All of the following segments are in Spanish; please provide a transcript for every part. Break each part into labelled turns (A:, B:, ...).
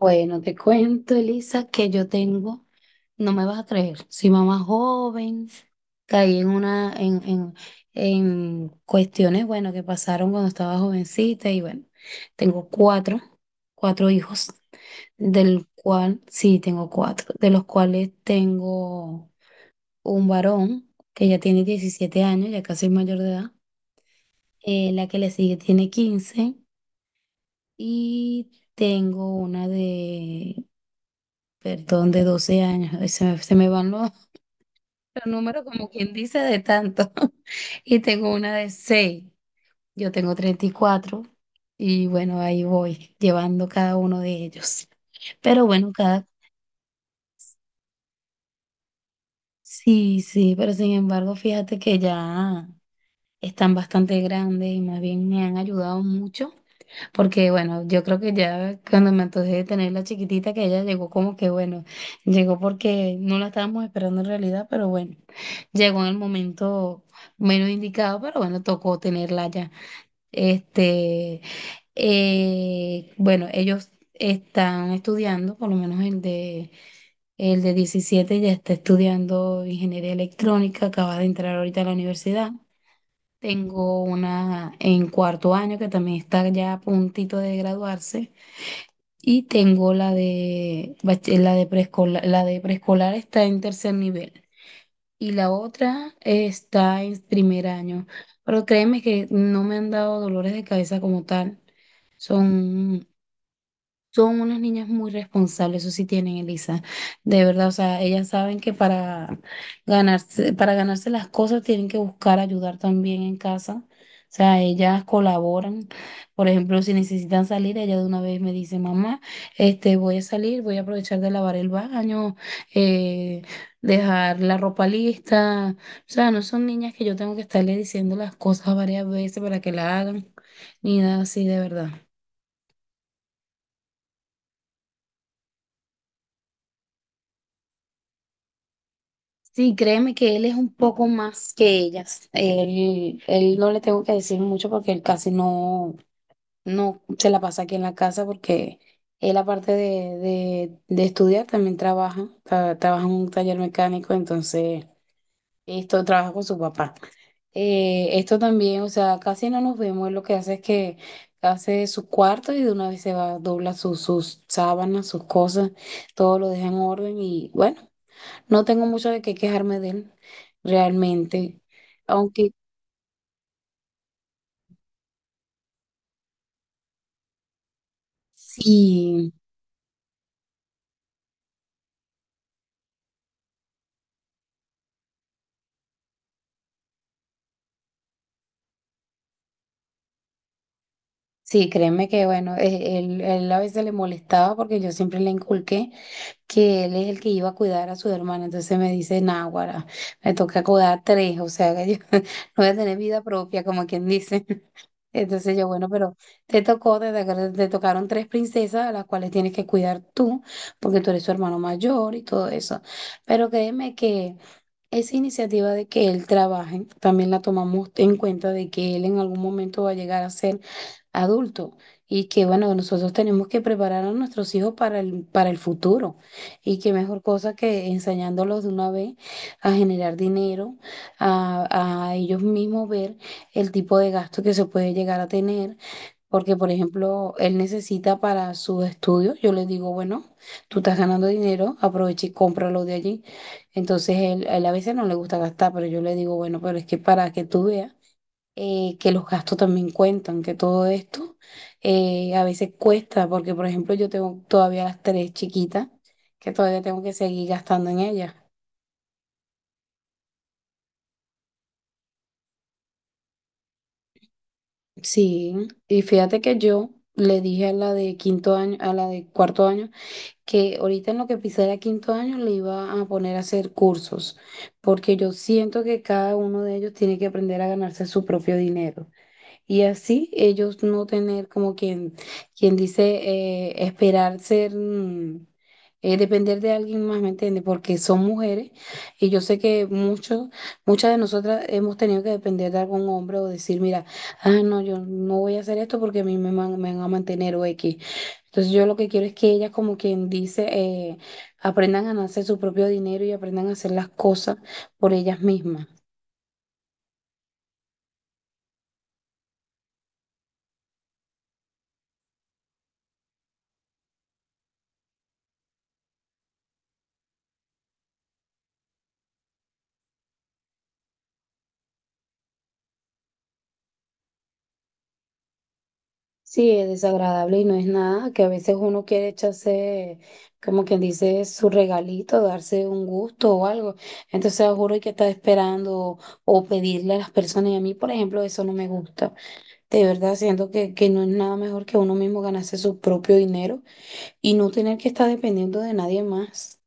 A: Bueno, te cuento, Elisa, que yo tengo, no me vas a creer, soy mamá joven. Caí en una, en cuestiones, bueno, que pasaron cuando estaba jovencita. Y bueno, tengo cuatro hijos, del cual, sí, tengo cuatro, de los cuales tengo un varón que ya tiene 17 años, ya casi es mayor de edad. La que le sigue tiene 15 y tengo una de, perdón, de 12 años. Ay, se me van los, los números, como quien dice, de tanto. Y tengo una de 6. Yo tengo 34, y bueno, ahí voy llevando cada uno de ellos. Pero bueno, cada... Sí, sí, pero sin embargo, fíjate que ya están bastante grandes y más bien me han ayudado mucho. Porque bueno, yo creo que ya cuando me antojé de tener la chiquitita, que ella llegó como que bueno, llegó porque no la estábamos esperando en realidad, pero bueno, llegó en el momento menos indicado, pero bueno, tocó tenerla ya. Este, bueno, ellos están estudiando. Por lo menos el de 17 ya está estudiando ingeniería electrónica, acaba de entrar ahorita a la universidad. Tengo una en cuarto año que también está ya a puntito de graduarse. Y tengo la de preescolar está en tercer nivel y la otra está en primer año. Pero créeme que no me han dado dolores de cabeza como tal. Son son unas niñas muy responsables, eso sí tienen, Elisa. De verdad, o sea, ellas saben que para ganarse las cosas tienen que buscar ayudar también en casa. O sea, ellas colaboran. Por ejemplo, si necesitan salir, ella de una vez me dice, mamá, este, voy a salir, voy a aprovechar de lavar el baño, eh, dejar la ropa lista. O sea, no son niñas que yo tengo que estarle diciendo las cosas varias veces para que la hagan, ni nada así, de verdad. Sí, créeme que él es un poco más que ellas. Él no le tengo que decir mucho porque él casi no se la pasa aquí en la casa porque él aparte de estudiar también trabaja, trabaja en un taller mecánico. Entonces esto trabaja con su papá. Esto también, o sea, casi no nos vemos. Él lo que hace es que hace su cuarto y de una vez se va, dobla sus sábanas, sus cosas, todo lo deja en orden y bueno. No tengo mucho de qué quejarme de él, realmente. Aunque sí, sí, créeme que bueno, él a veces le molestaba porque yo siempre le inculqué que él es el que iba a cuidar a su hermana. Entonces me dice, náguara, me toca cuidar a tres, o sea que yo no voy a tener vida propia, como quien dice. Entonces yo, bueno, pero te tocaron tres princesas a las cuales tienes que cuidar tú, porque tú eres su hermano mayor y todo eso. Pero créeme que esa iniciativa de que él trabaje también la tomamos en cuenta, de que él en algún momento va a llegar a ser adulto, y que bueno, nosotros tenemos que preparar a nuestros hijos para el futuro y qué mejor cosa que enseñándolos de una vez a generar dinero, a ellos mismos ver el tipo de gasto que se puede llegar a tener, porque, por ejemplo, él necesita para sus estudios, yo le digo, bueno, tú estás ganando dinero, aprovecha y cómpralo de allí. Entonces, él, a él a veces no le gusta gastar, pero yo le digo, bueno, pero es que para que tú veas que los gastos también cuentan, que todo esto a veces cuesta, porque, por ejemplo, yo tengo todavía las tres chiquitas, que todavía tengo que seguir gastando en ellas. Sí, y fíjate que yo le dije a la de quinto año, a la de cuarto año, que ahorita en lo que pisara quinto año le iba a poner a hacer cursos, porque yo siento que cada uno de ellos tiene que aprender a ganarse su propio dinero y así ellos no tener como quien dice, depender de alguien más, ¿me entiendes? Porque son mujeres y yo sé que muchas de nosotras hemos tenido que depender de algún hombre o decir, mira, ah, no, yo no voy a hacer esto porque a mí me van a mantener o X. Entonces yo lo que quiero es que ellas, como quien dice, aprendan a ganarse su propio dinero y aprendan a hacer las cosas por ellas mismas. Sí, es desagradable y no es nada, que a veces uno quiere echarse, como quien dice, su regalito, darse un gusto o algo. Entonces juro que está esperando o pedirle a las personas. Y a mí, por ejemplo, eso no me gusta. De verdad, siento que no es nada mejor que uno mismo ganarse su propio dinero y no tener que estar dependiendo de nadie más.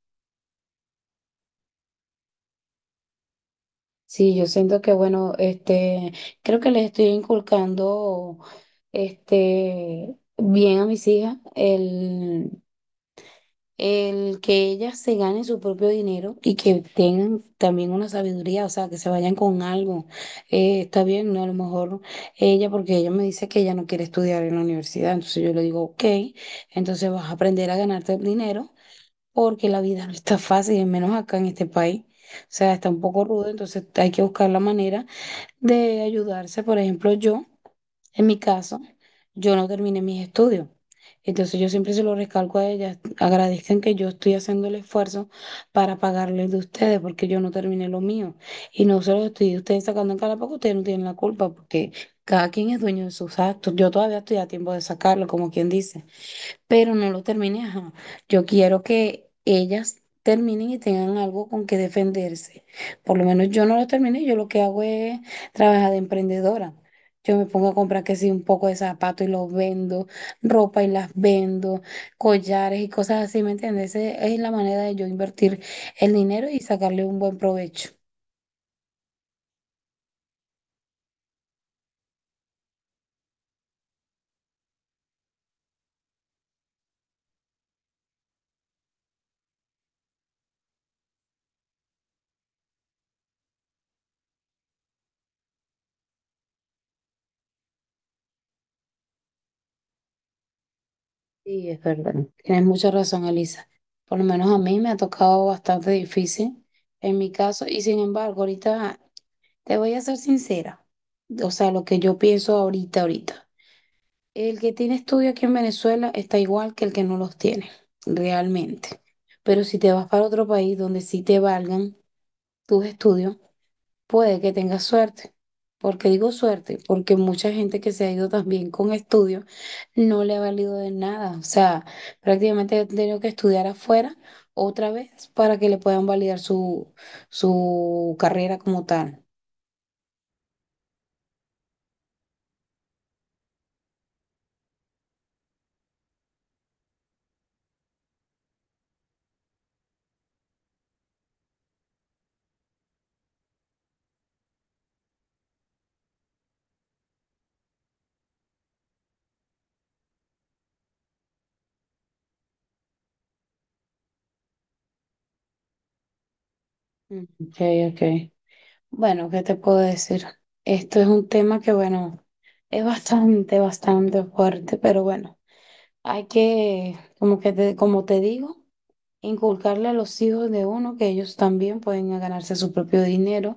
A: Sí, yo siento que bueno, este, creo que les estoy inculcando este bien a mis hijas el que ellas se ganen su propio dinero y que tengan también una sabiduría, o sea, que se vayan con algo. Está bien, ¿no? A lo mejor ella, porque ella me dice que ella no quiere estudiar en la universidad, entonces yo le digo, ok, entonces vas a aprender a ganarte el dinero porque la vida no está fácil, y menos acá en este país. O sea, está un poco rudo, entonces hay que buscar la manera de ayudarse. Por ejemplo, yo, en mi caso, yo no terminé mis estudios. Entonces yo siempre se lo recalco a ellas, agradezcan que yo estoy haciendo el esfuerzo para pagarles de ustedes, porque yo no terminé lo mío. Y no se los estoy ustedes sacando en cara porque ustedes no tienen la culpa, porque cada quien es dueño de sus actos. Yo todavía estoy a tiempo de sacarlo, como quien dice, pero no lo termine, ajá. Yo quiero que ellas terminen y tengan algo con que defenderse. Por lo menos yo no lo terminé, yo lo que hago es trabajar de emprendedora. Yo me pongo a comprar que sí, un poco de zapatos y los vendo, ropa y las vendo, collares y cosas así, ¿me entiendes? Esa es la manera de yo invertir el dinero y sacarle un buen provecho. Sí, es verdad. Tienes mucha razón, Elisa. Por lo menos a mí me ha tocado bastante difícil en mi caso y sin embargo, ahorita. Te voy a ser sincera, o sea, lo que yo pienso ahorita, ahorita. El que tiene estudios aquí en Venezuela está igual que el que no los tiene, realmente. Pero si te vas para otro país donde sí te valgan tus estudios, puede que tengas suerte. ¿Porque digo suerte? Porque mucha gente que se ha ido también con estudios no le ha valido de nada. O sea, prácticamente ha tenido que estudiar afuera otra vez para que le puedan validar su carrera como tal. Mm, ok, ok. Bueno, ¿qué te puedo decir? Esto es un tema que, bueno, es bastante, bastante fuerte, pero bueno, hay que, como te digo, inculcarle a los hijos de uno que ellos también pueden ganarse su propio dinero,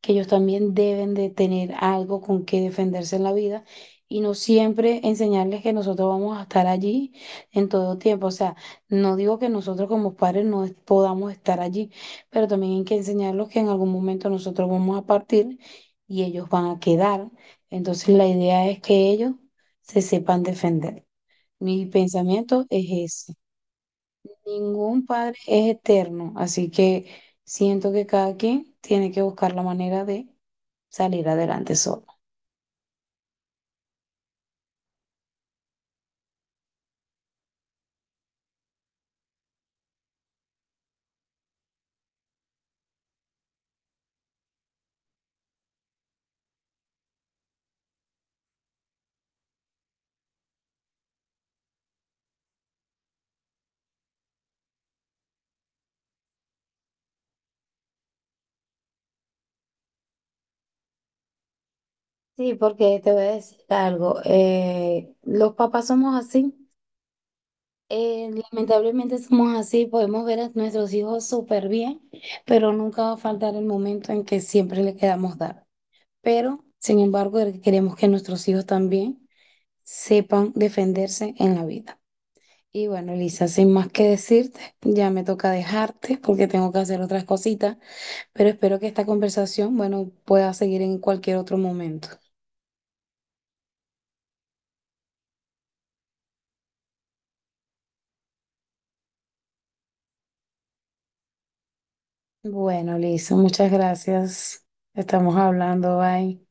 A: que ellos también deben de tener algo con que defenderse en la vida y no siempre enseñarles que nosotros vamos a estar allí en todo tiempo. O sea, no digo que nosotros como padres no podamos estar allí, pero también hay que enseñarlos que en algún momento nosotros vamos a partir y ellos van a quedar. Entonces la idea es que ellos se sepan defender. Mi pensamiento es ese. Ningún padre es eterno, así que siento que cada quien tiene que buscar la manera de salir adelante solo. Sí, porque te voy a decir algo. Los papás somos así. Lamentablemente somos así. Podemos ver a nuestros hijos súper bien, pero nunca va a faltar el momento en que siempre le queramos dar. Pero, sin embargo, queremos que nuestros hijos también sepan defenderse en la vida. Y bueno, Elisa, sin más que decirte, ya me toca dejarte porque tengo que hacer otras cositas, pero espero que esta conversación, bueno, pueda seguir en cualquier otro momento. Bueno, Elisa, muchas gracias. Estamos hablando, bye.